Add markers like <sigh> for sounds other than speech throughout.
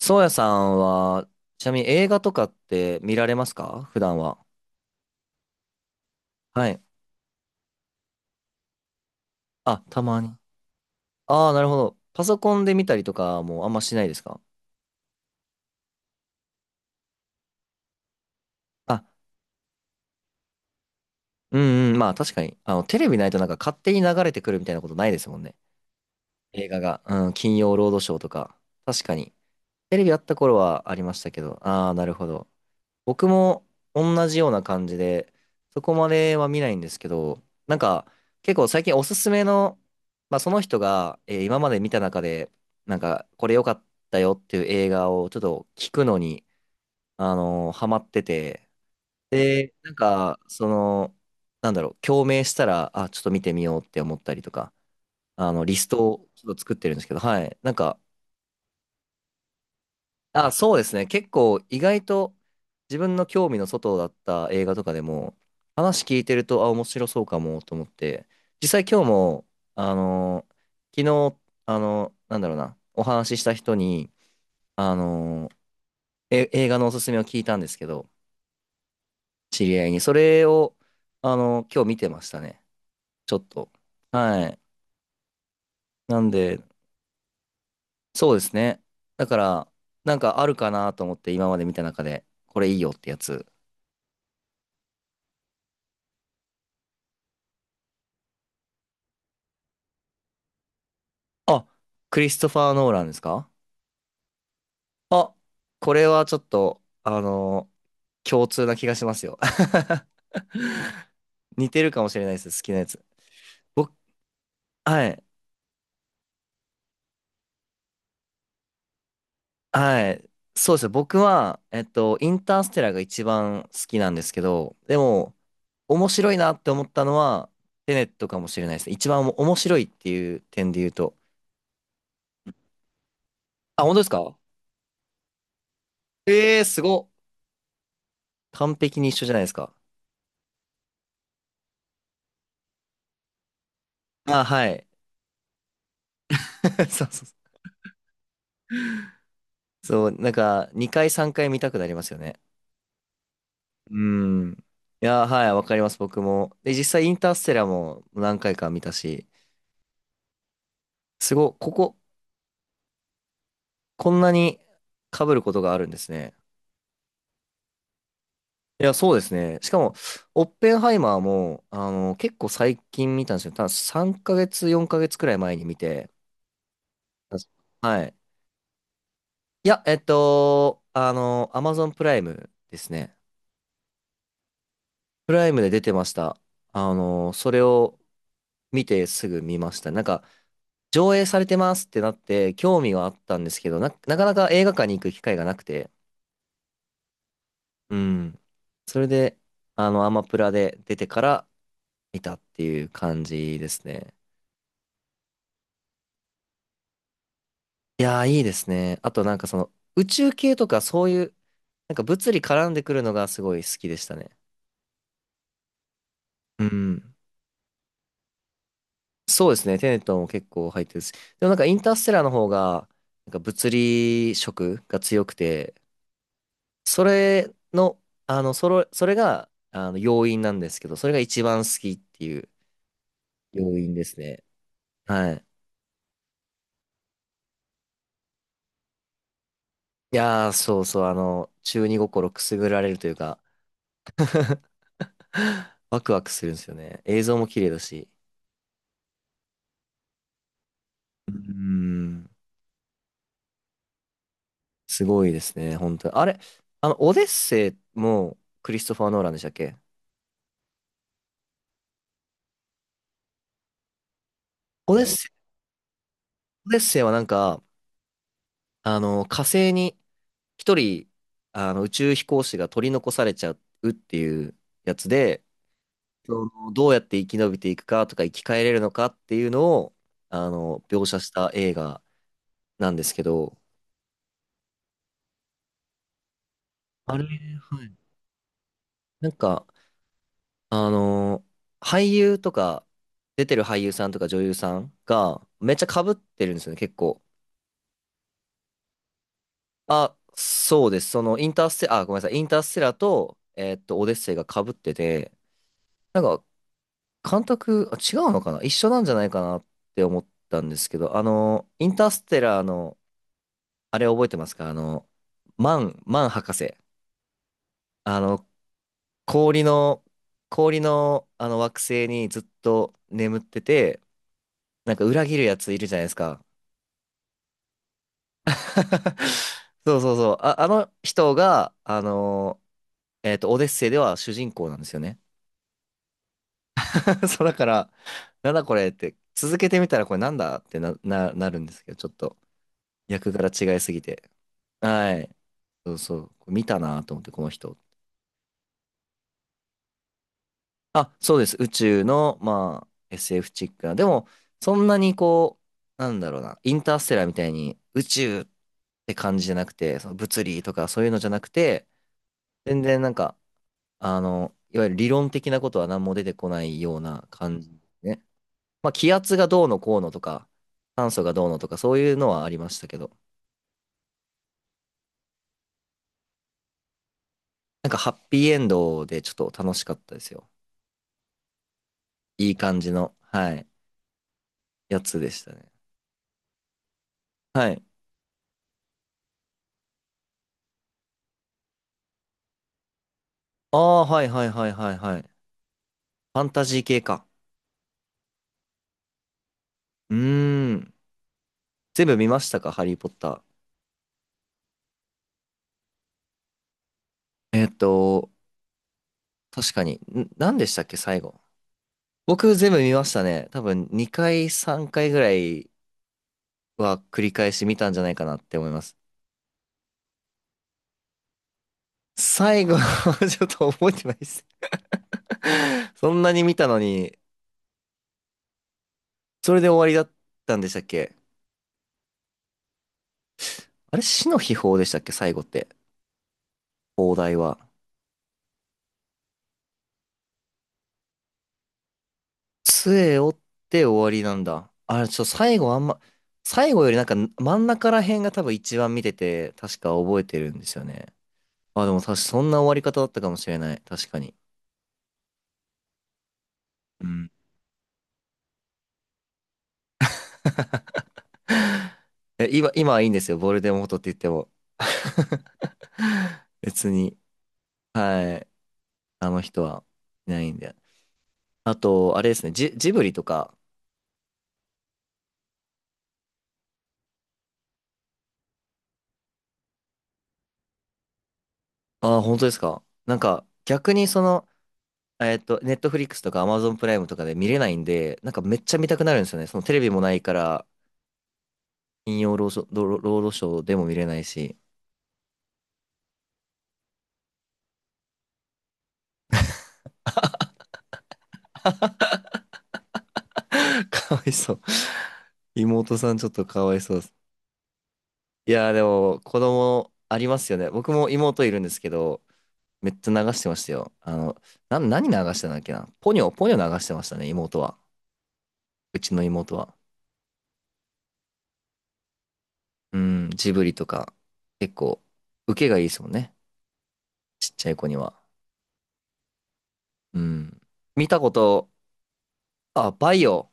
そうやさんは、ちなみに映画とかって見られますか、普段は。はい。あ、たまに。ああ、なるほど。パソコンで見たりとかもあんましないですか？あ、うんうん。まあ確かに。あの、テレビないとなんか勝手に流れてくるみたいなことないですもんね。映画が。うん、金曜ロードショーとか。確かに。テレビあった頃はありましたけど。ああ、なるほど。僕も同じような感じで、そこまでは見ないんですけど、なんか結構最近おすすめの、まあ、その人が、今まで見た中で、なんかこれ良かったよっていう映画をちょっと聞くのに、ハマってて、で、なんかその、なんだろう、共鳴したら、あ、ちょっと見てみようって思ったりとか、あの、リストをちょっと作ってるんですけど、はい。なんか、あ、そうですね。結構意外と自分の興味の外だった映画とかでも話聞いてると、あ、面白そうかもと思って、実際今日も、あのー昨日、なんだろうな、お話しした人に、あのーえ、映画のおすすめを聞いたんですけど、知り合いに。それを、今日見てましたね。ちょっと。はい。なんで、そうですね。だから、なんかあるかなと思って今まで見た中で、これいいよってやつ。あ、クリストファー・ノーランですか？あ、これはちょっと、共通な気がしますよ。<laughs> 似てるかもしれないです、好きなやつ。僕、はい、はい。そうですね。僕は、えっと、インターステラーが一番好きなんですけど、でも、面白いなって思ったのは、テネットかもしれないですね。一番面白いっていう点で言うと。あ、本当ですか？ええー、すごっ。完璧に一緒じゃないですか。あ、はい。<laughs> そうそうそう。そう、なんか、2回3回見たくなりますよね。うん。いやー、はい、わかります、僕も。で、実際、インターステラーも何回か見たし、すごい、ここ、こんなに被ることがあるんですね。いや、そうですね。しかも、オッペンハイマーも、あの、結構最近見たんですよ。多分3ヶ月、4ヶ月くらい前に見て。はい。いや、えっと、あの、アマゾンプライムですね。プライムで出てました。あの、それを見てすぐ見ました。なんか、上映されてますってなって、興味はあったんですけど、なかなか映画館に行く機会がなくて、うん。それで、あの、アマプラで出てから見たっていう感じですね。いやー、いいですね。あとなんかその、宇宙系とかそういう、なんか物理絡んでくるのがすごい好きでしたね。うん。そうですね。テネットも結構入ってるし。でもなんかインターステラーの方が、なんか物理色が強くて、それの、あの、それが、あの、要因なんですけど、それが一番好きっていう要因ですね。はい。いやー、そうそう、あの、中二心くすぐられるというか、<gasps> ワクワクするんですよね。映像も綺麗だし。うーん、すごいですね、本当に。あれ、あの、オデッセイもクリストファー・ノーランでしたっけ？オデッセイ、オデッセイはなんか、あの、火星に一人、あの、宇宙飛行士が取り残されちゃうっていうやつで、その、どうやって生き延びていくかとか生き返れるのかっていうのを、あの、描写した映画なんですけど、あれ、はい。なんか、あの、俳優とか、出てる俳優さんとか女優さんが、めっちゃ被ってるんですよね、結構。あ、そうです。その、インターステ、あ、ごめんなさい、インターステラと、えーっと、オデッセイが被ってて、なんか、監督、あ、違うのかな、一緒なんじゃないかなって思ったんですけど、あの、インターステラーの、あれ覚えてますか？あの、マン博士。あの、氷の、氷の、あの惑星にずっと眠ってて、なんか裏切るやついるじゃないですか。<laughs> そうそうそう。あ、あの人が、あの、えっと、オデッセイでは主人公なんですよね。<laughs> そう、だから、なんだこれって、続けてみたらこれなんだってな、なるんですけど、ちょっと役柄違いすぎて。はい。そうそう。見たなと思って、この人。あ、そうです。宇宙の、まあ、SF チックな。でも、そんなにこう、なんだろうな、インターステラーみたいに宇宙って感じじゃなくて、その物理とかそういうのじゃなくて、全然なんか、あの、いわゆる理論的なことは何も出てこないような感じですね。まあ、気圧がどうのこうのとか、酸素がどうのとか、そういうのはありましたけど、なんかハッピーエンドでちょっと楽しかったですよ。いい感じの、はい、やつでしたね。はい。ああ、はいはいはいはいはい。ファンタジー系か。うーん。全部見ましたか、ハリー・ポッター。えーっと、確かに。ん、何でしたっけ、最後。僕全部見ましたね。多分2回、3回ぐらいは繰り返し見たんじゃないかなって思います。最後 <laughs> ちょっと覚えてないです。そんなに見たのに、それで終わりだったんでしたっけ？あれ、死の秘宝でしたっけ、最後って。放題は。杖折って終わりなんだ。あれ、ちょ、最後あんま、最後よりなんか真ん中ら辺が多分一番見てて、確か覚えてるんですよね。あ、でも確かそんな終わり方だったかもしれない。確かに。うん。<laughs> え、今はいいんですよ。ボルデモートって言っても。<laughs> 別に。はい。あの人はいないんで。あと、あれですね。ジブリとか。ああ、本当ですか。なんか、逆にその、えっと、ネットフリックスとかアマゾンプライムとかで見れないんで、なんかめっちゃ見たくなるんですよね。そのテレビもないから、金曜ロードショー、ロロードショーでも見れないし、<laughs> かわいそう。妹さんちょっとかわいそうです。いやーでも、子供ありますよね。僕も妹いるんですけど、めっちゃ流してましたよ。あの、何流してたんだっけな。ポニョ流してましたね、妹は。うちの妹は。うん、ジブリとか、結構、受けがいいですもんね。ちっちゃい子には。うん。見たこと、あ、バイオ。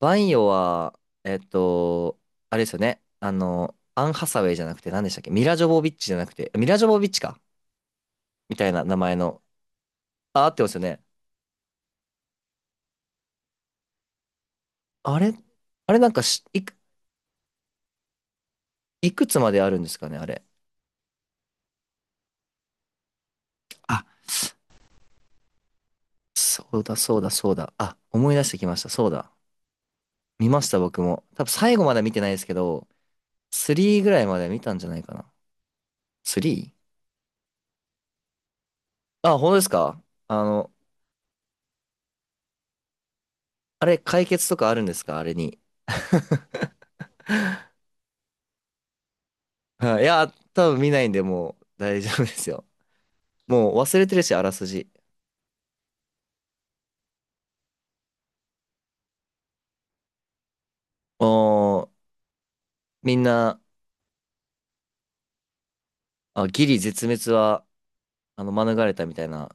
バイオは、えっと、あれですよね。あの、アン・ハサウェイじゃなくて、何でしたっけ、ミラ・ジョボビッチじゃなくて、ミラ・ジョボビッチか、みたいな名前の。あ、合ってますよね。あれ、あれなんか、し、いく、いくつまであるんですかね、あれ。あ、そうだ、そうだ、そうだ。あ、思い出してきました。そうだ。見ました、僕も。多分最後まで見てないですけど、3ぐらいまで見たんじゃないかな。3? あ、本当ですか？あの、あれ、解決とかあるんですかあれに。<laughs> はい、いや、多分見ないんで、もう大丈夫ですよ。もう忘れてるし、あらすじ。もう、みんな、あ、ギリ絶滅は、あの、免れたみたいな。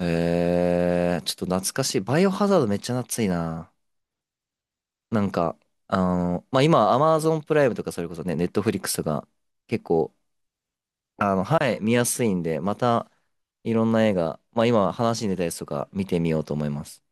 へえー、ちょっと懐かしい。バイオハザードめっちゃ懐いな。なんか、あの、まあ、今、アマゾンプライムとかそれこそね、ネットフリックスとか、結構、あの、はい、見やすいんで、また、いろんな映画、まあ、今話に出たやつとか見てみようと思います。